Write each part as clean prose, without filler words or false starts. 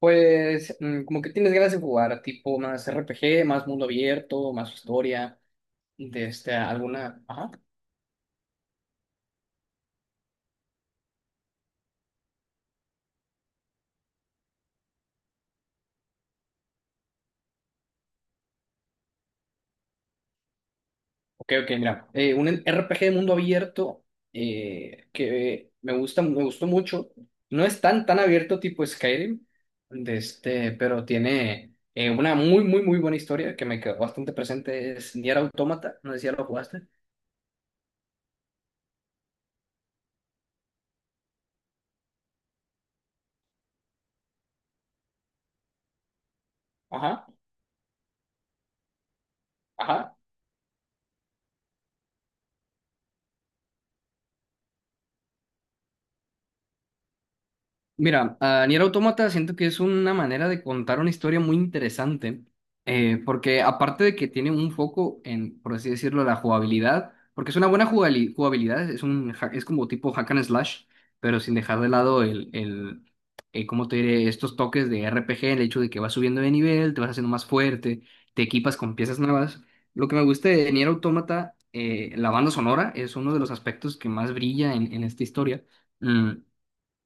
Pues como que tienes ganas de jugar, tipo más RPG, más mundo abierto, más historia, de este, alguna. Ajá. Ok, ok, mira. Un RPG de mundo abierto, que me gusta, me gustó mucho. No es tan, tan abierto tipo Skyrim, de este, pero tiene una muy, muy, muy buena historia que me quedó bastante presente. Es Nier Automata, no sé si ya lo jugaste. Ajá, ajá. Mira, a Nier Automata siento que es una manera de contar una historia muy interesante, porque aparte de que tiene un foco en, por así decirlo, la jugabilidad, porque es una buena jugabilidad, es como tipo hack and slash, pero sin dejar de lado el ¿cómo te diré? Estos toques de RPG, el hecho de que vas subiendo de nivel, te vas haciendo más fuerte, te equipas con piezas nuevas. Lo que me gusta de Nier Automata, la banda sonora, es uno de los aspectos que más brilla en esta historia. Mm,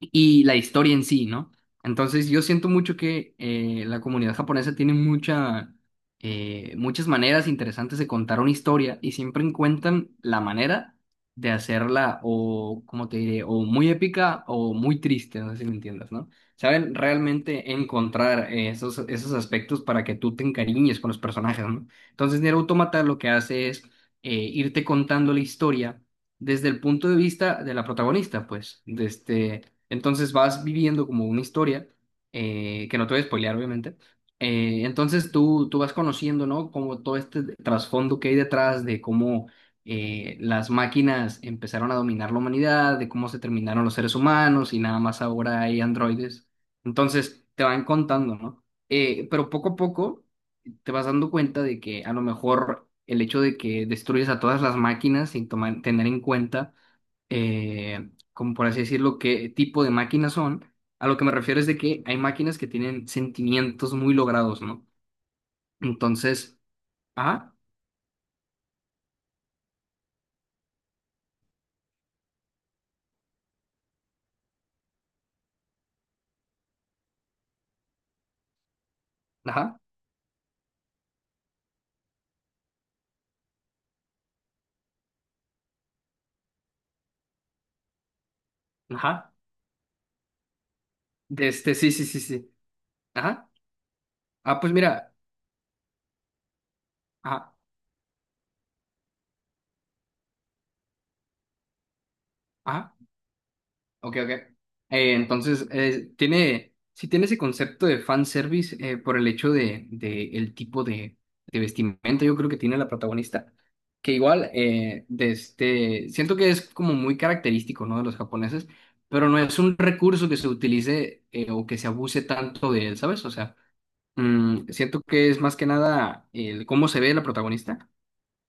y la historia en sí, ¿no? Entonces yo siento mucho que la comunidad japonesa tiene muchas maneras interesantes de contar una historia y siempre encuentran la manera de hacerla o, como te diré, o muy épica o muy triste, no sé si me entiendas, ¿no? Saben realmente encontrar esos aspectos para que tú te encariñes con los personajes, ¿no? Entonces Nier Automata lo que hace es irte contando la historia desde el punto de vista de la protagonista, pues. De este, entonces vas viviendo como una historia, que no te voy a spoilear, obviamente. Entonces tú vas conociendo, ¿no? Como todo este trasfondo que hay detrás de cómo las máquinas empezaron a dominar la humanidad, de cómo se terminaron los seres humanos y nada más ahora hay androides. Entonces te van contando, ¿no? Pero poco a poco te vas dando cuenta de que a lo mejor el hecho de que destruyes a todas las máquinas sin tener en cuenta, como por así decirlo, qué tipo de máquinas son. A lo que me refiero es de que hay máquinas que tienen sentimientos muy logrados, ¿no? Entonces, ajá, ajá, ajá, de este, sí, sí, sí, sí, ajá, ah, pues mira, ajá, ajá. Ok, ok. Entonces, tiene, sí tiene ese concepto de fanservice, por el hecho de el tipo de vestimenta, yo creo que tiene la protagonista, que igual, de este, siento que es como muy característico, ¿no?, de los japoneses, pero no es un recurso que se utilice, o que se abuse tanto de él, ¿sabes? O sea, siento que es más que nada el cómo se ve la protagonista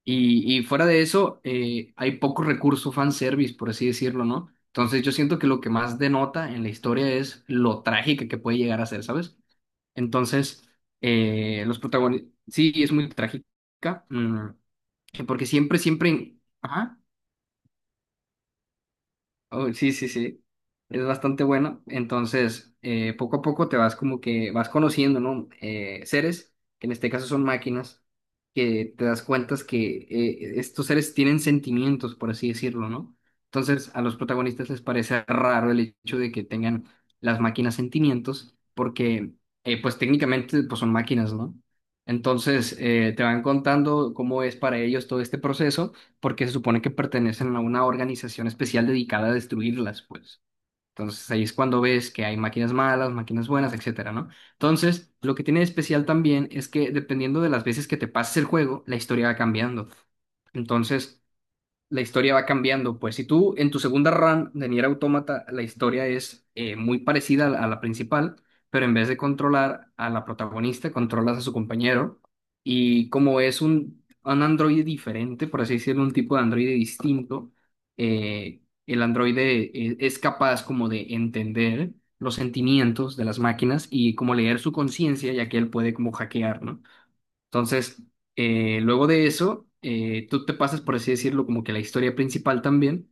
y fuera de eso, hay poco recurso fanservice, por así decirlo, ¿no? Entonces yo siento que lo que más denota en la historia es lo trágica que puede llegar a ser, ¿sabes? Entonces, los protagonistas, sí, es muy trágica, porque siempre, siempre, ajá. Oh, sí, sí, sí. Es bastante bueno. Entonces, poco a poco te vas como que vas conociendo, ¿no? Seres, que en este caso son máquinas, que te das cuenta que estos seres tienen sentimientos, por así decirlo, ¿no? Entonces, a los protagonistas les parece raro el hecho de que tengan las máquinas sentimientos, porque, pues técnicamente, pues son máquinas, ¿no? Entonces, te van contando cómo es para ellos todo este proceso porque se supone que pertenecen a una organización especial dedicada a destruirlas, pues. Entonces ahí es cuando ves que hay máquinas malas, máquinas buenas, etcétera, ¿no? Entonces, lo que tiene de especial también es que dependiendo de las veces que te pases el juego, la historia va cambiando. Entonces, la historia va cambiando. Pues si tú en tu segunda run de Nier Automata, la historia es, muy parecida a la principal, pero en vez de controlar a la protagonista, controlas a su compañero. Y como es un androide diferente, por así decirlo, un tipo de androide distinto, el androide, es capaz como de entender los sentimientos de las máquinas y como leer su conciencia, ya que él puede como hackear, ¿no? Entonces, luego de eso, tú te pasas, por así decirlo, como que la historia principal también,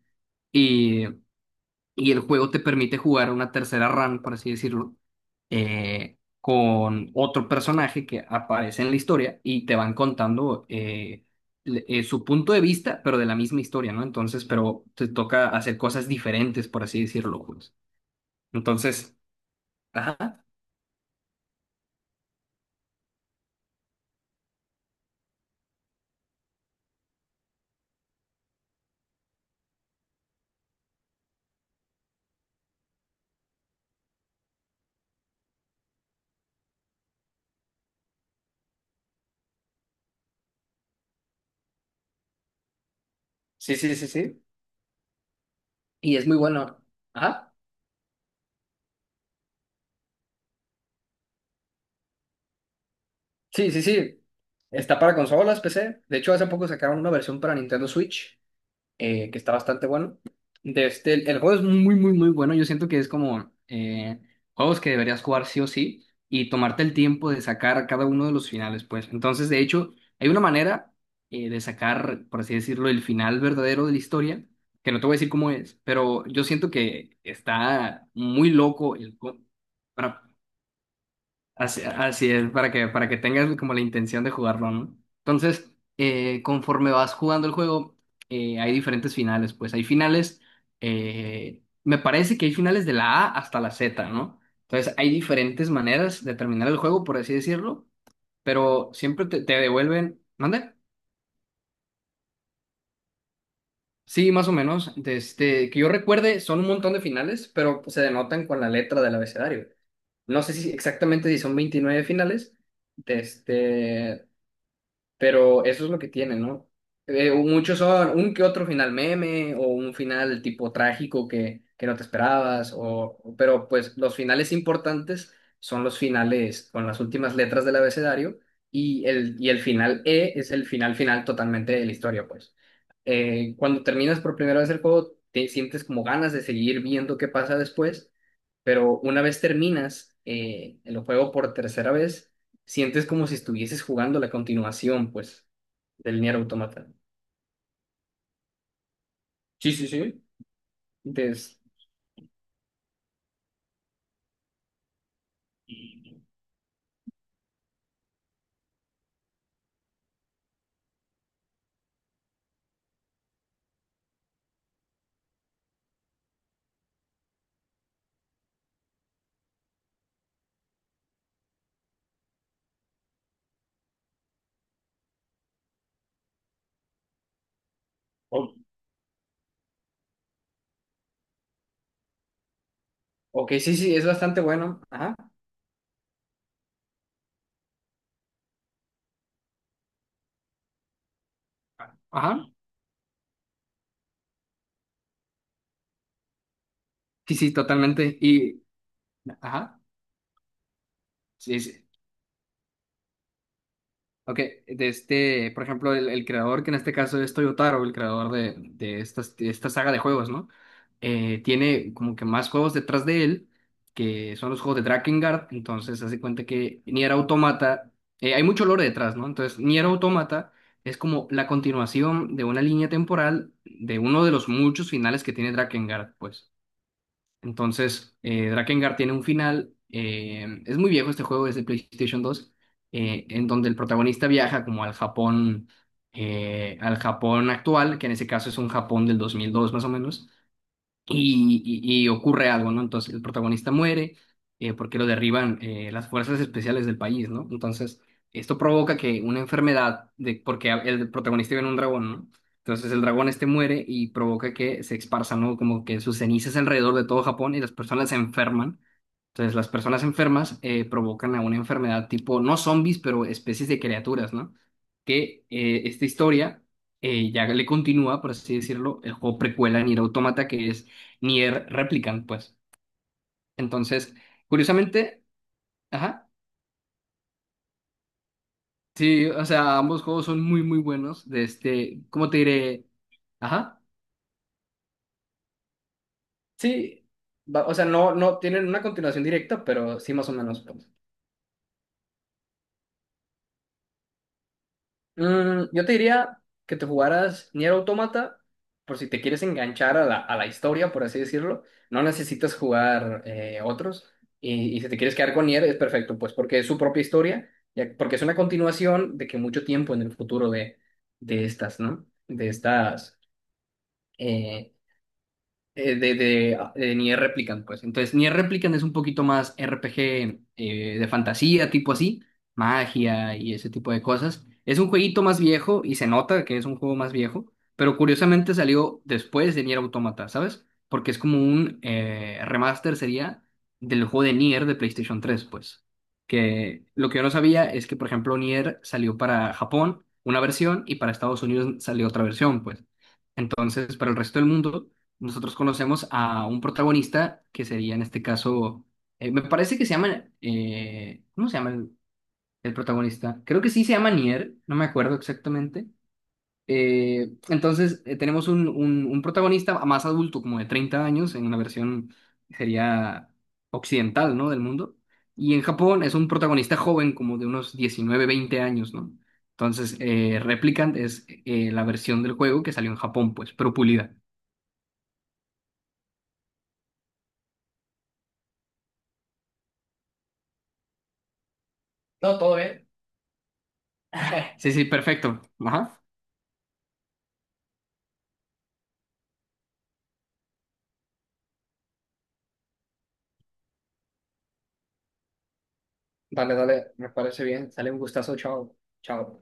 y, y el juego te permite jugar una tercera run, por así decirlo, con otro personaje que aparece en la historia y te van contando, su punto de vista, pero de la misma historia, ¿no? Entonces, pero te toca hacer cosas diferentes, por así decirlo, pues. Entonces, ajá, sí, sí, sí, sí. Y es muy bueno. Ajá. Sí, sí, sí. Está para consolas, PC. De hecho, hace poco sacaron una versión para Nintendo Switch, que está bastante bueno. De este, el juego es muy, muy, muy bueno. Yo siento que es como, juegos que deberías jugar sí o sí y tomarte el tiempo de sacar cada uno de los finales, pues. Entonces, de hecho, hay una manera, de sacar, por así decirlo, el final verdadero de la historia, que no te voy a decir cómo es, pero yo siento que está muy loco el, co- para Así, así es, para que tengas como la intención de jugarlo, ¿no? Entonces, conforme vas jugando el juego, hay diferentes finales, pues hay finales, me parece que hay finales de la A hasta la Z, ¿no? Entonces, hay diferentes maneras de terminar el juego, por así decirlo, pero siempre te devuelven, ¿mande? Sí, más o menos, desde que yo recuerde, son un montón de finales, pero se denotan con la letra del abecedario. No sé si exactamente si son 29 finales. Este, pero eso es lo que tiene, ¿no? Muchos son un que otro final meme o un final tipo trágico que no te esperabas, o, pero pues los finales importantes son los finales con las últimas letras del abecedario y el final E es el final final totalmente de la historia, pues. Cuando terminas por primera vez el juego, te sientes como ganas de seguir viendo qué pasa después, pero una vez terminas, el juego por tercera vez, sientes como si estuvieses jugando la continuación, pues, del Nier Automata. Sí, sí, sí. Entonces, O- ok, sí, sí, es bastante bueno. Ajá. Ajá. Sí, sí, totalmente. Y, ajá. Sí. Ok, de este, por ejemplo, el creador, que en este caso es Toyotaro, el creador de, de esta saga de juegos, ¿no? Tiene como que más juegos detrás de él, que son los juegos de Drakengard, entonces hace cuenta que Nier Automata, hay mucho lore detrás, ¿no? Entonces, Nier Automata es como la continuación de una línea temporal de uno de los muchos finales que tiene Drakengard, pues. Entonces, Drakengard tiene un final. Es muy viejo este juego, es de PlayStation 2, en donde el protagonista viaja como al Japón actual, que en ese caso es un Japón del 2002 más o menos, y ocurre algo, ¿no? Entonces el protagonista muere, porque lo derriban, las fuerzas especiales del país, ¿no? Entonces esto provoca que una enfermedad, el protagonista viene un dragón, ¿no? Entonces el dragón este muere y provoca que se esparzan, ¿no?, como que sus cenizas alrededor de todo Japón y las personas se enferman. Entonces las personas enfermas, provocan a una enfermedad tipo, no zombies, pero especies de criaturas, ¿no?, que, esta historia, ya le continúa, por así decirlo, el juego precuela Nier Automata, que es ni er- replican, pues. Entonces, curiosamente, ajá, sí, o sea, ambos juegos son muy, muy buenos. De este, ¿cómo te diré? Ajá, sí, o sea, no, no tienen una continuación directa, pero sí, más o menos, pues. Yo te diría que te jugaras Nier Automata, por si te quieres enganchar a la historia, por así decirlo. No necesitas jugar, otros. Y si te quieres quedar con Nier, es perfecto, pues porque es su propia historia, porque es una continuación de que mucho tiempo en el futuro de estas, ¿no? Eh, de de Nier Replicant, pues. Entonces, Nier Replicant es un poquito más RPG, de fantasía, tipo así, magia y ese tipo de cosas. Es un jueguito más viejo y se nota que es un juego más viejo, pero curiosamente salió después de Nier Automata, ¿sabes? Porque es como un, remaster, sería, del juego de Nier de PlayStation 3, pues. Que lo que yo no sabía es que, por ejemplo, Nier salió para Japón una versión y para Estados Unidos salió otra versión, pues. Entonces, para el resto del mundo, nosotros conocemos a un protagonista que sería en este caso, me parece que se llama, ¿cómo se llama el protagonista? Creo que sí se llama Nier, no me acuerdo exactamente. Entonces, tenemos un protagonista más adulto, como de 30 años, en una versión sería occidental, ¿no?, del mundo. Y en Japón es un protagonista joven, como de unos 19 20 años, ¿no? Entonces, Replicant es, la versión del juego que salió en Japón, pues, pero pulida. Sí, sí, perfecto. Ajá. Dale, dale, me parece bien. Sale un gustazo, chao. Chao.